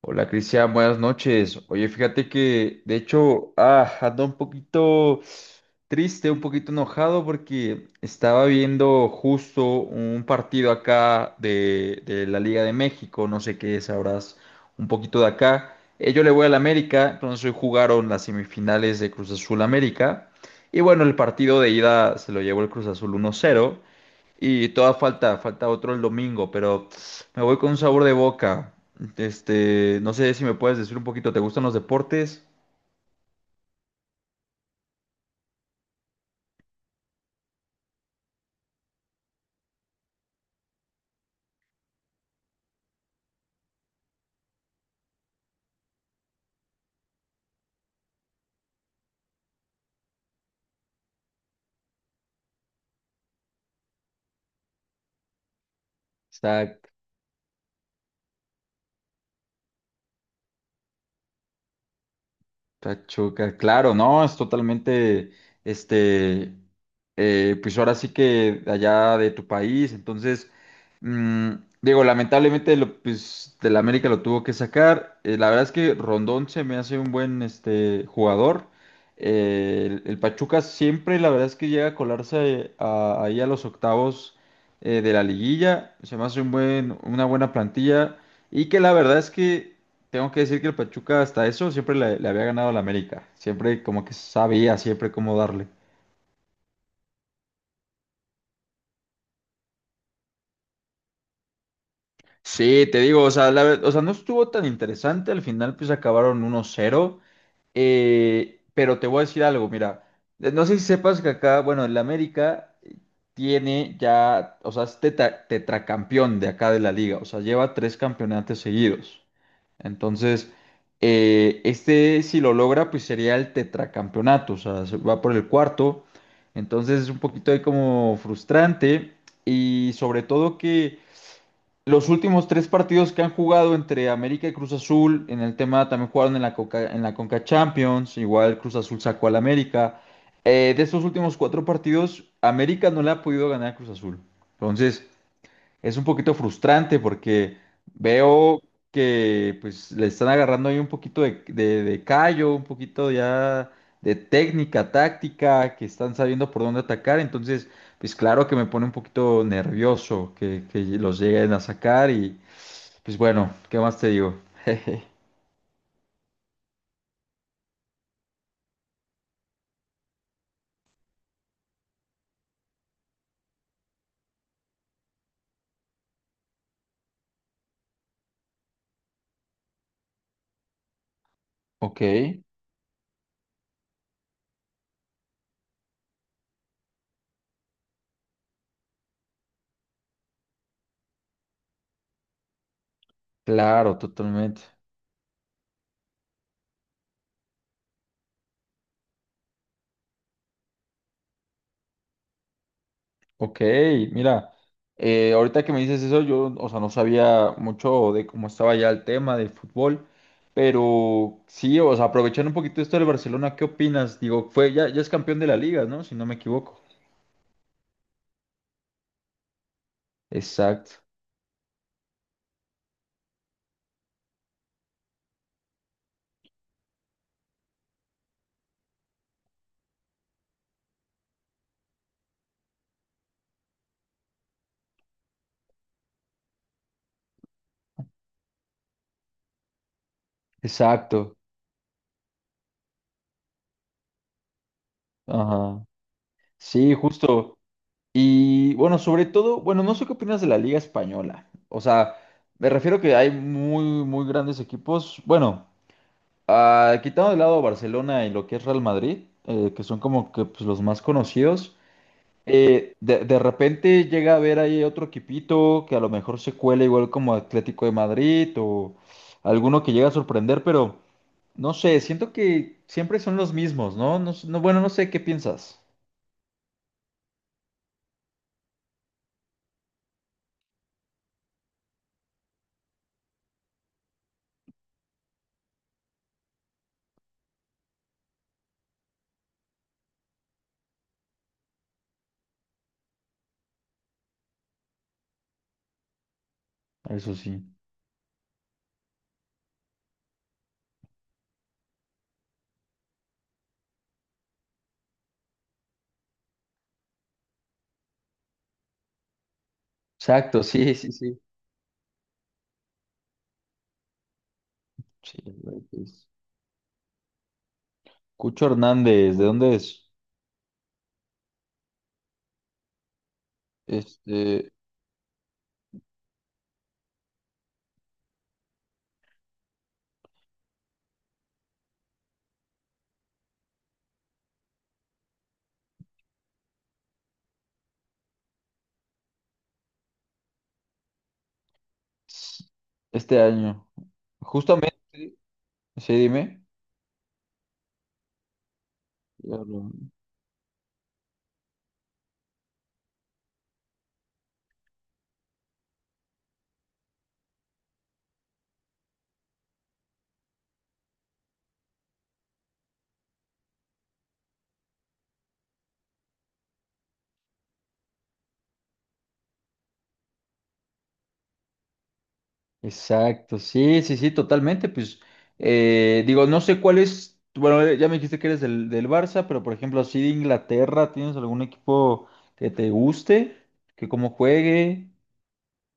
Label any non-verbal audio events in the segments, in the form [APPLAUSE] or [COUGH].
Hola Cristian, buenas noches. Oye, fíjate que de hecho ando un poquito triste, un poquito enojado porque estaba viendo justo un partido acá de la Liga de México, no sé qué sabrás un poquito de acá. Yo le voy al América, entonces hoy jugaron las semifinales de Cruz Azul América. Y bueno, el partido de ida se lo llevó el Cruz Azul 1-0. Y toda falta otro el domingo, pero me voy con un sabor de boca. No sé si me puedes decir un poquito, ¿te gustan los deportes? O Pachuca, claro, no, es totalmente, este, pues ahora sí que allá de tu país. Entonces, mm, digo, lamentablemente, lo, pues, de la América lo tuvo que sacar. La verdad es que Rondón se me hace un buen, jugador. El Pachuca siempre, la verdad es que llega a colarse ahí a los octavos de la liguilla. Se me hace una buena plantilla, y que la verdad es que tengo que decir que el Pachuca hasta eso siempre le había ganado al América. Siempre como que sabía siempre cómo darle. Sí, te digo, o sea, o sea, no estuvo tan interesante. Al final pues acabaron uno cero, pero te voy a decir algo, mira. No sé si sepas que acá, bueno, el América tiene ya, o sea, es tetracampeón de acá de la liga. O sea, lleva tres campeonatos seguidos. Entonces, si lo logra, pues sería el tetracampeonato, o sea, se va por el cuarto. Entonces es un poquito ahí como frustrante y sobre todo que los últimos tres partidos que han jugado entre América y Cruz Azul, en el tema también jugaron en en la Conca Champions, igual Cruz Azul sacó al América. De estos últimos cuatro partidos, América no le ha podido ganar a Cruz Azul. Entonces, es un poquito frustrante porque veo que pues le están agarrando ahí un poquito de callo, un poquito ya de técnica, táctica, que están sabiendo por dónde atacar, entonces pues claro que me pone un poquito nervioso que los lleguen a sacar y pues bueno, ¿qué más te digo? [LAUGHS] Ok, claro, totalmente. Ok, mira, ahorita que me dices eso, yo, o sea, no sabía mucho de cómo estaba ya el tema del fútbol, pero sí, o sea, aprovechando un poquito esto del Barcelona, ¿qué opinas? Digo, fue, ya, ya es campeón de la liga, ¿no? Si no me equivoco. Exacto, exacto. Ajá. Sí, justo. Y bueno, sobre todo, bueno, no sé qué opinas de la Liga Española. O sea, me refiero que hay muy, muy grandes equipos. Bueno. Ah, quitando de lado Barcelona y lo que es Real Madrid, que son como que pues, los más conocidos, de repente llega a haber ahí otro equipito que a lo mejor se cuela igual como Atlético de Madrid o alguno que llega a sorprender, pero no sé, siento que siempre son los mismos, ¿no? No, no, bueno, no sé qué piensas. Eso sí. Exacto, sí, sí, sí. Sí, güey, pues. Cucho Hernández, ¿de dónde es? Este, s- este año. Justamente, sí, dime. Claro. Exacto, sí, sí, sí, totalmente. Pues digo, no sé cuál es, bueno, ya me dijiste que eres del, del Barça, pero por ejemplo, así de Inglaterra, ¿tienes algún equipo que te guste, que cómo juegue,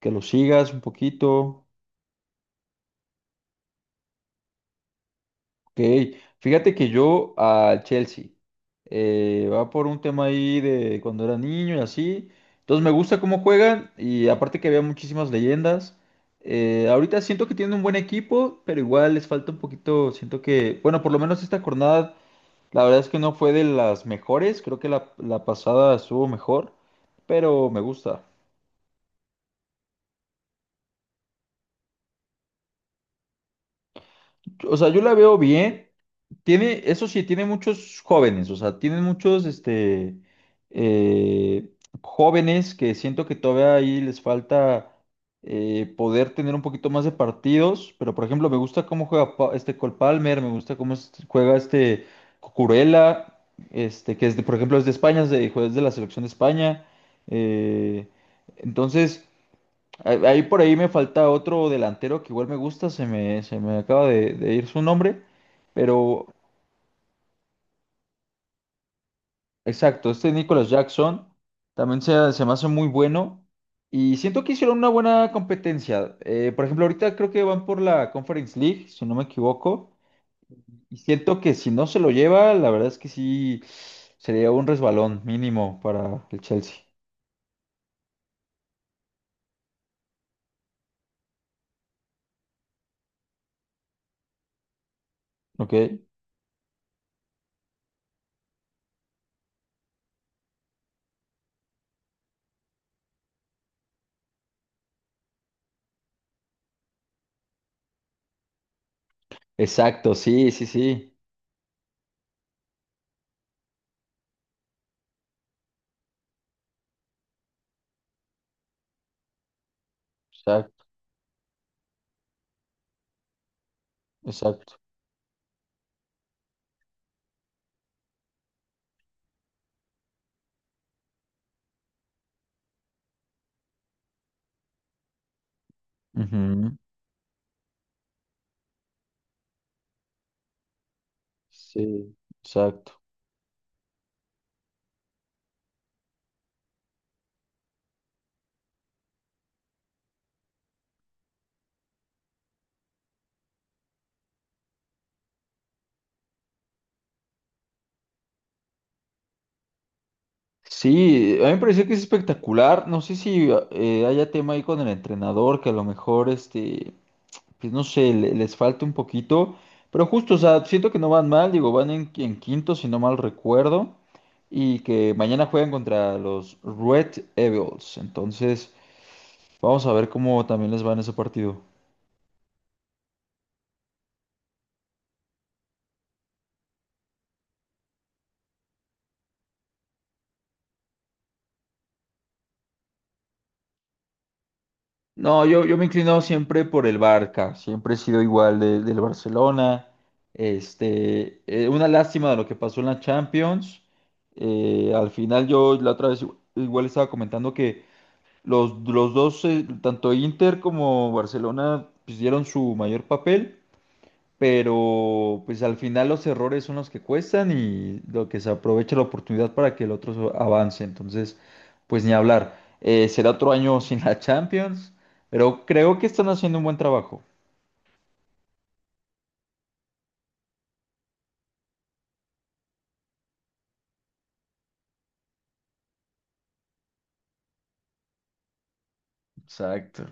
que lo sigas un poquito? Ok, fíjate que yo al Chelsea va por un tema ahí de cuando era niño y así. Entonces me gusta cómo juegan y aparte que había muchísimas leyendas. Ahorita siento que tienen un buen equipo, pero igual les falta un poquito. Siento que, bueno, por lo menos esta jornada, la verdad es que no fue de las mejores. Creo que la pasada estuvo mejor, pero me gusta. O sea, yo la veo bien. Tiene, eso sí, tiene muchos jóvenes, o sea, tiene muchos eh, jóvenes que siento que todavía ahí les falta poder tener un poquito más de partidos, pero por ejemplo, me gusta cómo juega Cole Palmer, me gusta cómo juega Cucurella, que es por ejemplo es de España, juez de la selección de España. eh, entonces, ahí por ahí me falta otro delantero que igual me gusta, se me acaba de ir su nombre. Pero. Exacto, este Nicholas Jackson también se me hace muy bueno y siento que hicieron una buena competencia. Por ejemplo, ahorita creo que van por la Conference League, si no me equivoco, y siento que si no se lo lleva, la verdad es que sí sería un resbalón mínimo para el Chelsea. ¿Ok? Exacto, sí, sí, sí. Exacto, exacto. Ujú. Sí, exacto. Sí, a mí me pareció que es espectacular. No sé si haya tema ahí con el entrenador, que a lo mejor pues no sé, les falta un poquito, pero justo, o sea, siento que no van mal, digo, van en quinto, si no mal recuerdo, y que mañana juegan contra los Red Evils, entonces vamos a ver cómo también les va en ese partido. No, yo me he inclinado siempre por el Barca, siempre he sido igual del Barcelona, una lástima de lo que pasó en la Champions. Al final yo la otra vez igual estaba comentando que los dos, tanto Inter como Barcelona, pues, dieron su mayor papel, pero pues al final los errores son los que cuestan y lo que se aprovecha la oportunidad para que el otro avance. Entonces, pues ni hablar. Será otro año [LAUGHS] sin la Champions, pero creo que están haciendo un buen trabajo. Exacto.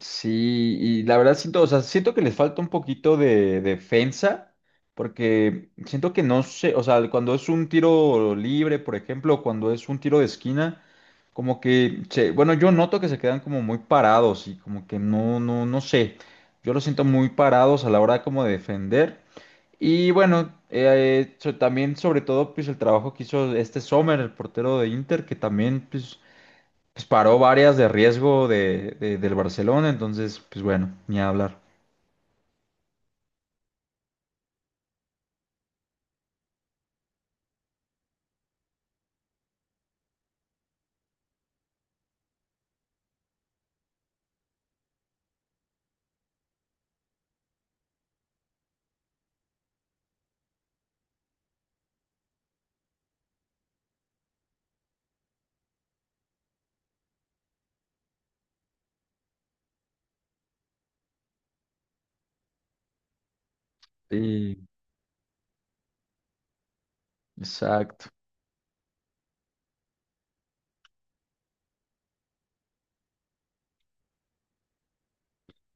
Sí, y la verdad siento, o sea, siento que les falta un poquito de defensa, porque siento que no sé, o sea, cuando es un tiro libre, por ejemplo, cuando es un tiro de esquina, como que, bueno, yo noto que se quedan como muy parados y como que no sé, yo los siento muy parados a la hora como de defender. Y bueno, también sobre todo pues el trabajo que hizo este Sommer, el portero de Inter, que también pues pues paró varias de riesgo del Barcelona, entonces, pues bueno, ni hablar. Sí, exacto.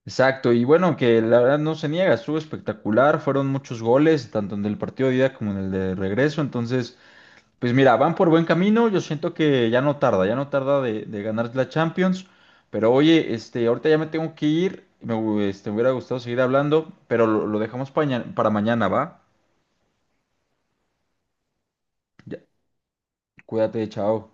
Exacto, y bueno, que la verdad no se niega, estuvo espectacular, fueron muchos goles, tanto en el partido de ida como en el de regreso, entonces, pues mira, van por buen camino, yo siento que ya no tarda de ganar la Champions, pero oye, este, ahorita ya me tengo que ir, me hubiera gustado seguir hablando, pero lo dejamos para mañana, ¿va? Ya, cuídate, chao.